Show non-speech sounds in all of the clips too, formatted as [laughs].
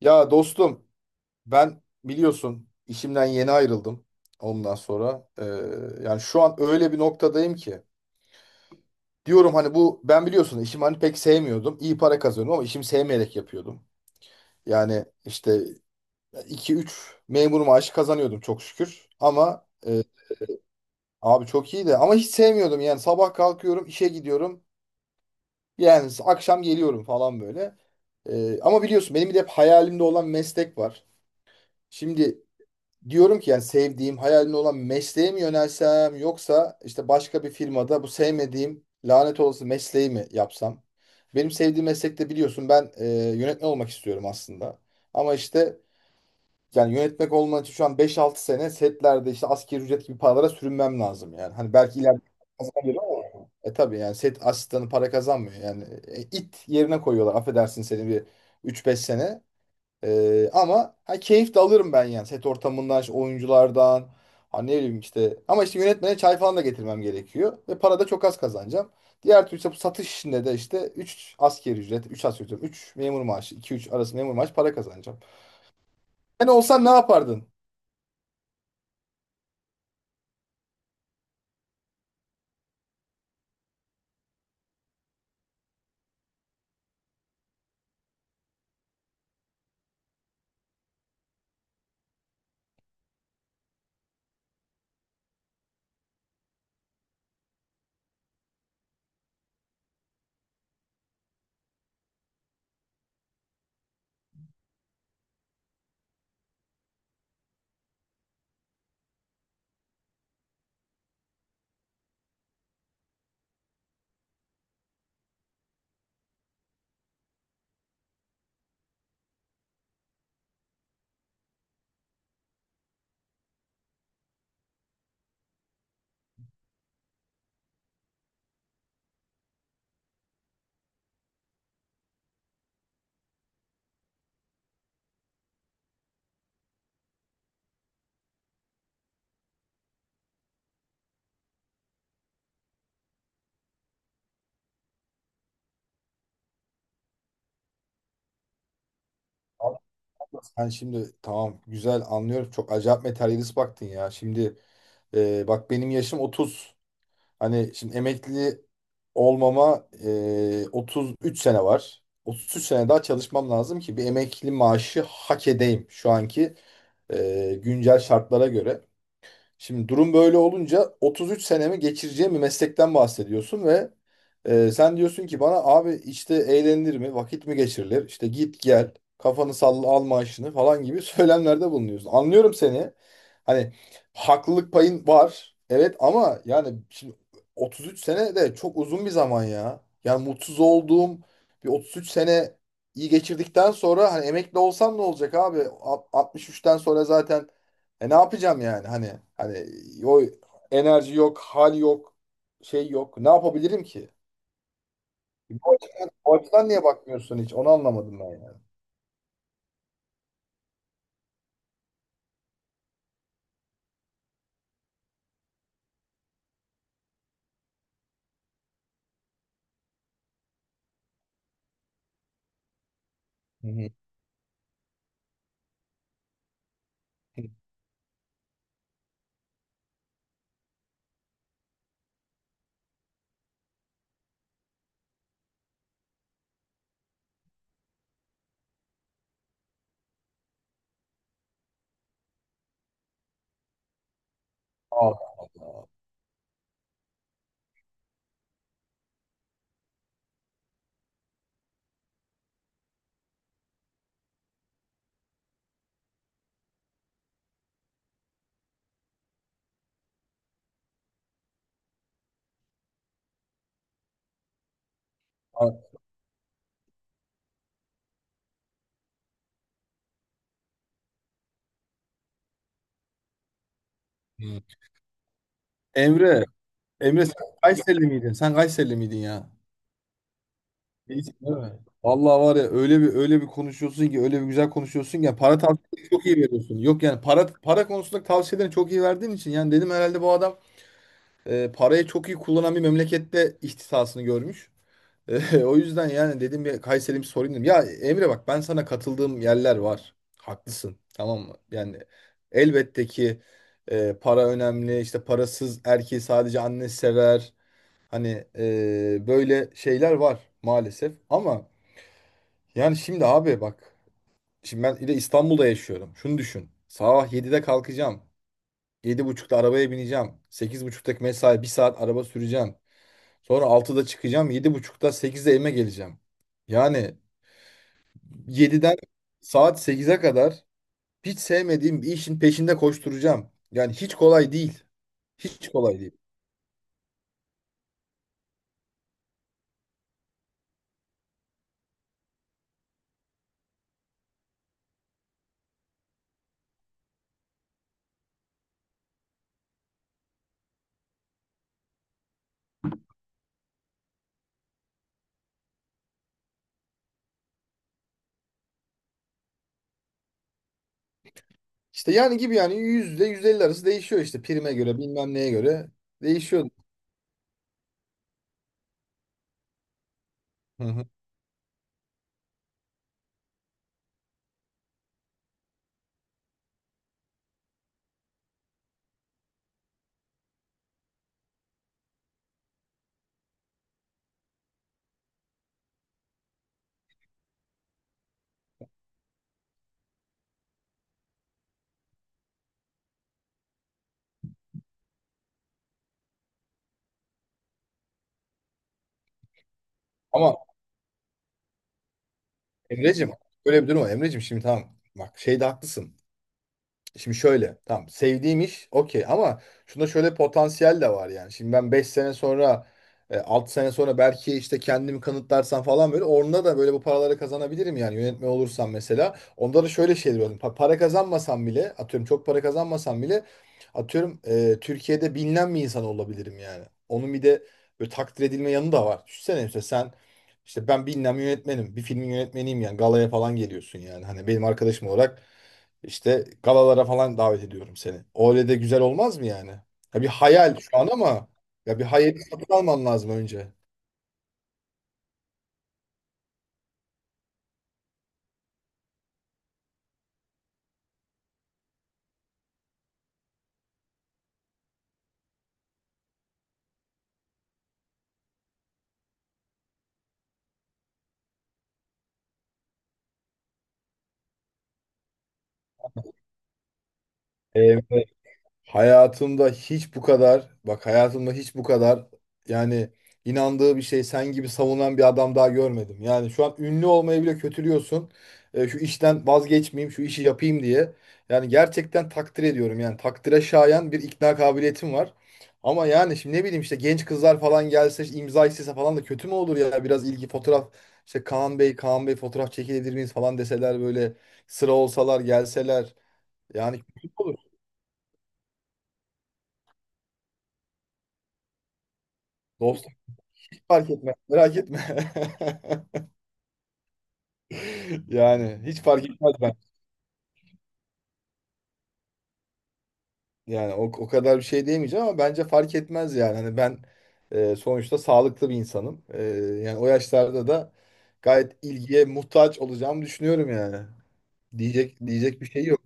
Ya dostum ben biliyorsun işimden yeni ayrıldım ondan sonra. Yani şu an öyle bir noktadayım ki. Diyorum hani bu ben biliyorsun işimi hani pek sevmiyordum. İyi para kazanıyordum ama işimi sevmeyerek yapıyordum. Yani işte iki üç memur maaşı kazanıyordum çok şükür. Ama abi çok iyi de ama hiç sevmiyordum yani sabah kalkıyorum işe gidiyorum. Yani akşam geliyorum falan böyle. Ama biliyorsun benim bir de hep hayalimde olan meslek var. Şimdi diyorum ki yani sevdiğim, hayalimde olan mesleğe mi yönelsem yoksa işte başka bir firmada bu sevmediğim lanet olası mesleği mi yapsam? Benim sevdiğim meslekte biliyorsun ben yönetmen olmak istiyorum aslında. Ama işte yani yönetmek olman için şu an beş altı sene setlerde işte asgari ücret gibi paralara sürünmem lazım yani. Hani belki ileride kazanabilir ama tabii yani set asistanı para kazanmıyor. Yani it yerine koyuyorlar affedersin seni bir üç beş sene. Ama ha, keyif de alırım ben yani set ortamından, işte oyunculardan. Ha, ne bileyim işte. Ama işte yönetmene çay falan da getirmem gerekiyor. Ve para da çok az kazanacağım. Diğer türlü işte bu satış işinde de işte üç asgari ücret, 3 asgari ücret, 3 memur maaşı, iki üç arası memur maaşı para kazanacağım. Sen olsan ne yapardın? Allah Allah, sen şimdi tamam güzel anlıyorum. Çok acayip materyalist baktın ya. Şimdi bak benim yaşım 30. Hani şimdi emekli olmama 33 sene var. 33 sene daha çalışmam lazım ki bir emekli maaşı hak edeyim şu anki güncel şartlara göre. Şimdi durum böyle olunca 33 senemi geçireceğim bir meslekten bahsediyorsun ve sen diyorsun ki bana abi işte eğlenilir mi, vakit mi geçirilir, işte git gel, kafanı salla al maaşını falan gibi [laughs] söylemlerde bulunuyorsun. Anlıyorum seni. Hani haklılık payın var. Evet ama yani şimdi 33 sene de çok uzun bir zaman ya. Yani mutsuz olduğum bir 33 sene iyi geçirdikten sonra hani emekli olsam ne olacak abi? 63'ten sonra zaten ne yapacağım yani hani o enerji yok, hal yok, şey yok. Ne yapabilirim ki? Bu açıdan, bu açıdan niye bakmıyorsun hiç? Onu anlamadım ben yani. Hı hı. Aa, aa. Hı. Emre, Emre sen Kayseri miydin? Sen Kayseri miydin ya? Değilsin değil mi? Vallahi var ya öyle bir konuşuyorsun ki öyle bir güzel konuşuyorsun ki yani para tavsiyeleri çok iyi veriyorsun. Yok yani para konusunda tavsiyelerini çok iyi verdiğin için yani dedim herhalde bu adam parayı çok iyi kullanan bir memlekette ihtisasını görmüş. [laughs] O yüzden yani dedim bir Kayseri'm sorayım dedim. Ya Emre bak ben sana katıldığım yerler var. Haklısın. Tamam mı? Yani elbette ki para önemli. İşte parasız erkeği sadece anne sever. Hani böyle şeyler var maalesef. Ama yani şimdi abi bak. Şimdi ben bir de İstanbul'da yaşıyorum. Şunu düşün. Sabah 7'de kalkacağım. 7.30'da arabaya bineceğim. 8.30'daki mesai bir saat araba süreceğim. Sonra 6'da çıkacağım. 7.30'da 8'de evime geleceğim. Yani 7'den saat 8'e kadar hiç sevmediğim bir işin peşinde koşturacağım. Yani hiç kolay değil. Hiç kolay değil. İşte yani gibi yani %150 arası değişiyor işte prime göre bilmem neye göre değişiyor. Hı hı. Ama Emre'cim öyle bir durum var. Emre'cim şimdi tamam bak şeyde haklısın. Şimdi şöyle tamam sevdiğim iş okey ama şunda şöyle potansiyel de var yani. Şimdi ben 5 sene sonra 6 sene sonra belki işte kendimi kanıtlarsam falan böyle orada da böyle bu paraları kazanabilirim yani yönetmen olursam mesela. Onda da şöyle şeyler var. Para kazanmasam bile atıyorum çok para kazanmasam bile atıyorum Türkiye'de bilinen bir insan olabilirim yani. Onun bir de böyle takdir edilme yanı da var. Düşünsene işte sen işte ben bilinen bir yönetmenim bir filmin yönetmeniyim yani galaya falan geliyorsun yani. Hani benim arkadaşım olarak işte galalara falan davet ediyorum seni. Öyle de güzel olmaz mı yani? Ya bir hayal şu an ama ya bir hayali satın alman lazım önce. Evet. Hayatımda hiç bu kadar, bak hayatımda hiç bu kadar yani inandığı bir şey sen gibi savunan bir adam daha görmedim. Yani şu an ünlü olmayı bile kötülüyorsun. Şu işten vazgeçmeyeyim, şu işi yapayım diye. Yani gerçekten takdir ediyorum. Yani takdire şayan bir ikna kabiliyetim var. Ama yani şimdi ne bileyim işte genç kızlar falan gelse işte imza istese falan da kötü mü olur ya? Biraz ilgi fotoğraf işte Kaan Bey, Kaan Bey fotoğraf çekilebilir miyiz falan deseler böyle sıra olsalar gelseler. Yani kötü mü olur. Fark etme. Merak etme. [laughs] Yani hiç fark etmez ben. Yani o kadar bir şey diyemeyeceğim ama bence fark etmez yani. Hani ben sonuçta sağlıklı bir insanım. Yani o yaşlarda da gayet ilgiye muhtaç olacağımı düşünüyorum yani. Diyecek bir şey yok.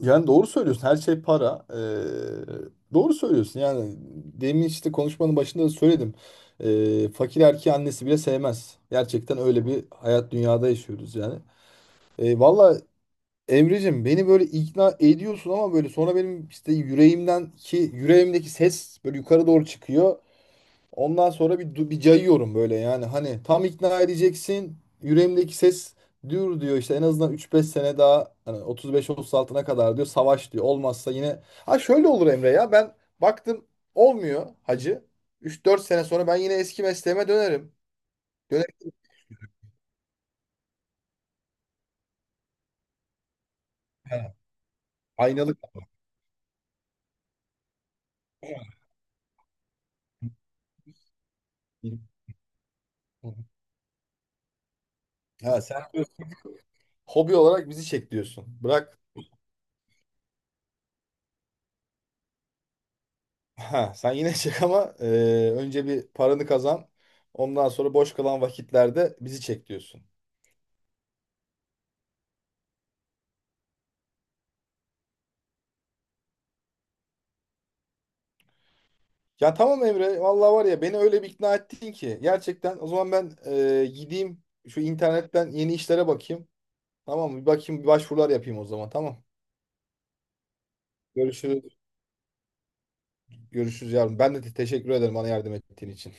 Yani doğru söylüyorsun. Her şey para. Doğru söylüyorsun. Yani demin işte konuşmanın başında da söyledim. Fakir erkeği annesi bile sevmez. Gerçekten öyle bir hayat dünyada yaşıyoruz yani. Vallahi valla Emre'cim beni böyle ikna ediyorsun ama böyle sonra benim işte yüreğimden ki yüreğimdeki ses böyle yukarı doğru çıkıyor. Ondan sonra bir cayıyorum böyle yani hani tam ikna edeceksin. Yüreğimdeki ses dur diyor işte en azından üç beş sene daha hani 35-36'na kadar diyor savaş diyor. Olmazsa yine ha şöyle olur Emre ya ben baktım olmuyor hacı. Üç dört sene sonra ben yine eski mesleğime dönerim. Dönerim yani. Aynalık. Ha sen diyorsun, hobi olarak bizi çek diyorsun. Bırak. Ha, sen yine [laughs] çek ama önce bir paranı kazan. Ondan sonra boş kalan vakitlerde bizi çek diyorsun. Ya tamam Emre, vallahi var ya beni öyle bir ikna ettin ki. Gerçekten o zaman ben gideyim şu internetten yeni işlere bakayım. Tamam mı? Bir bakayım bir başvurular yapayım o zaman tamam. Görüşürüz. Görüşürüz yarın. Ben de teşekkür ederim bana yardım ettiğin için.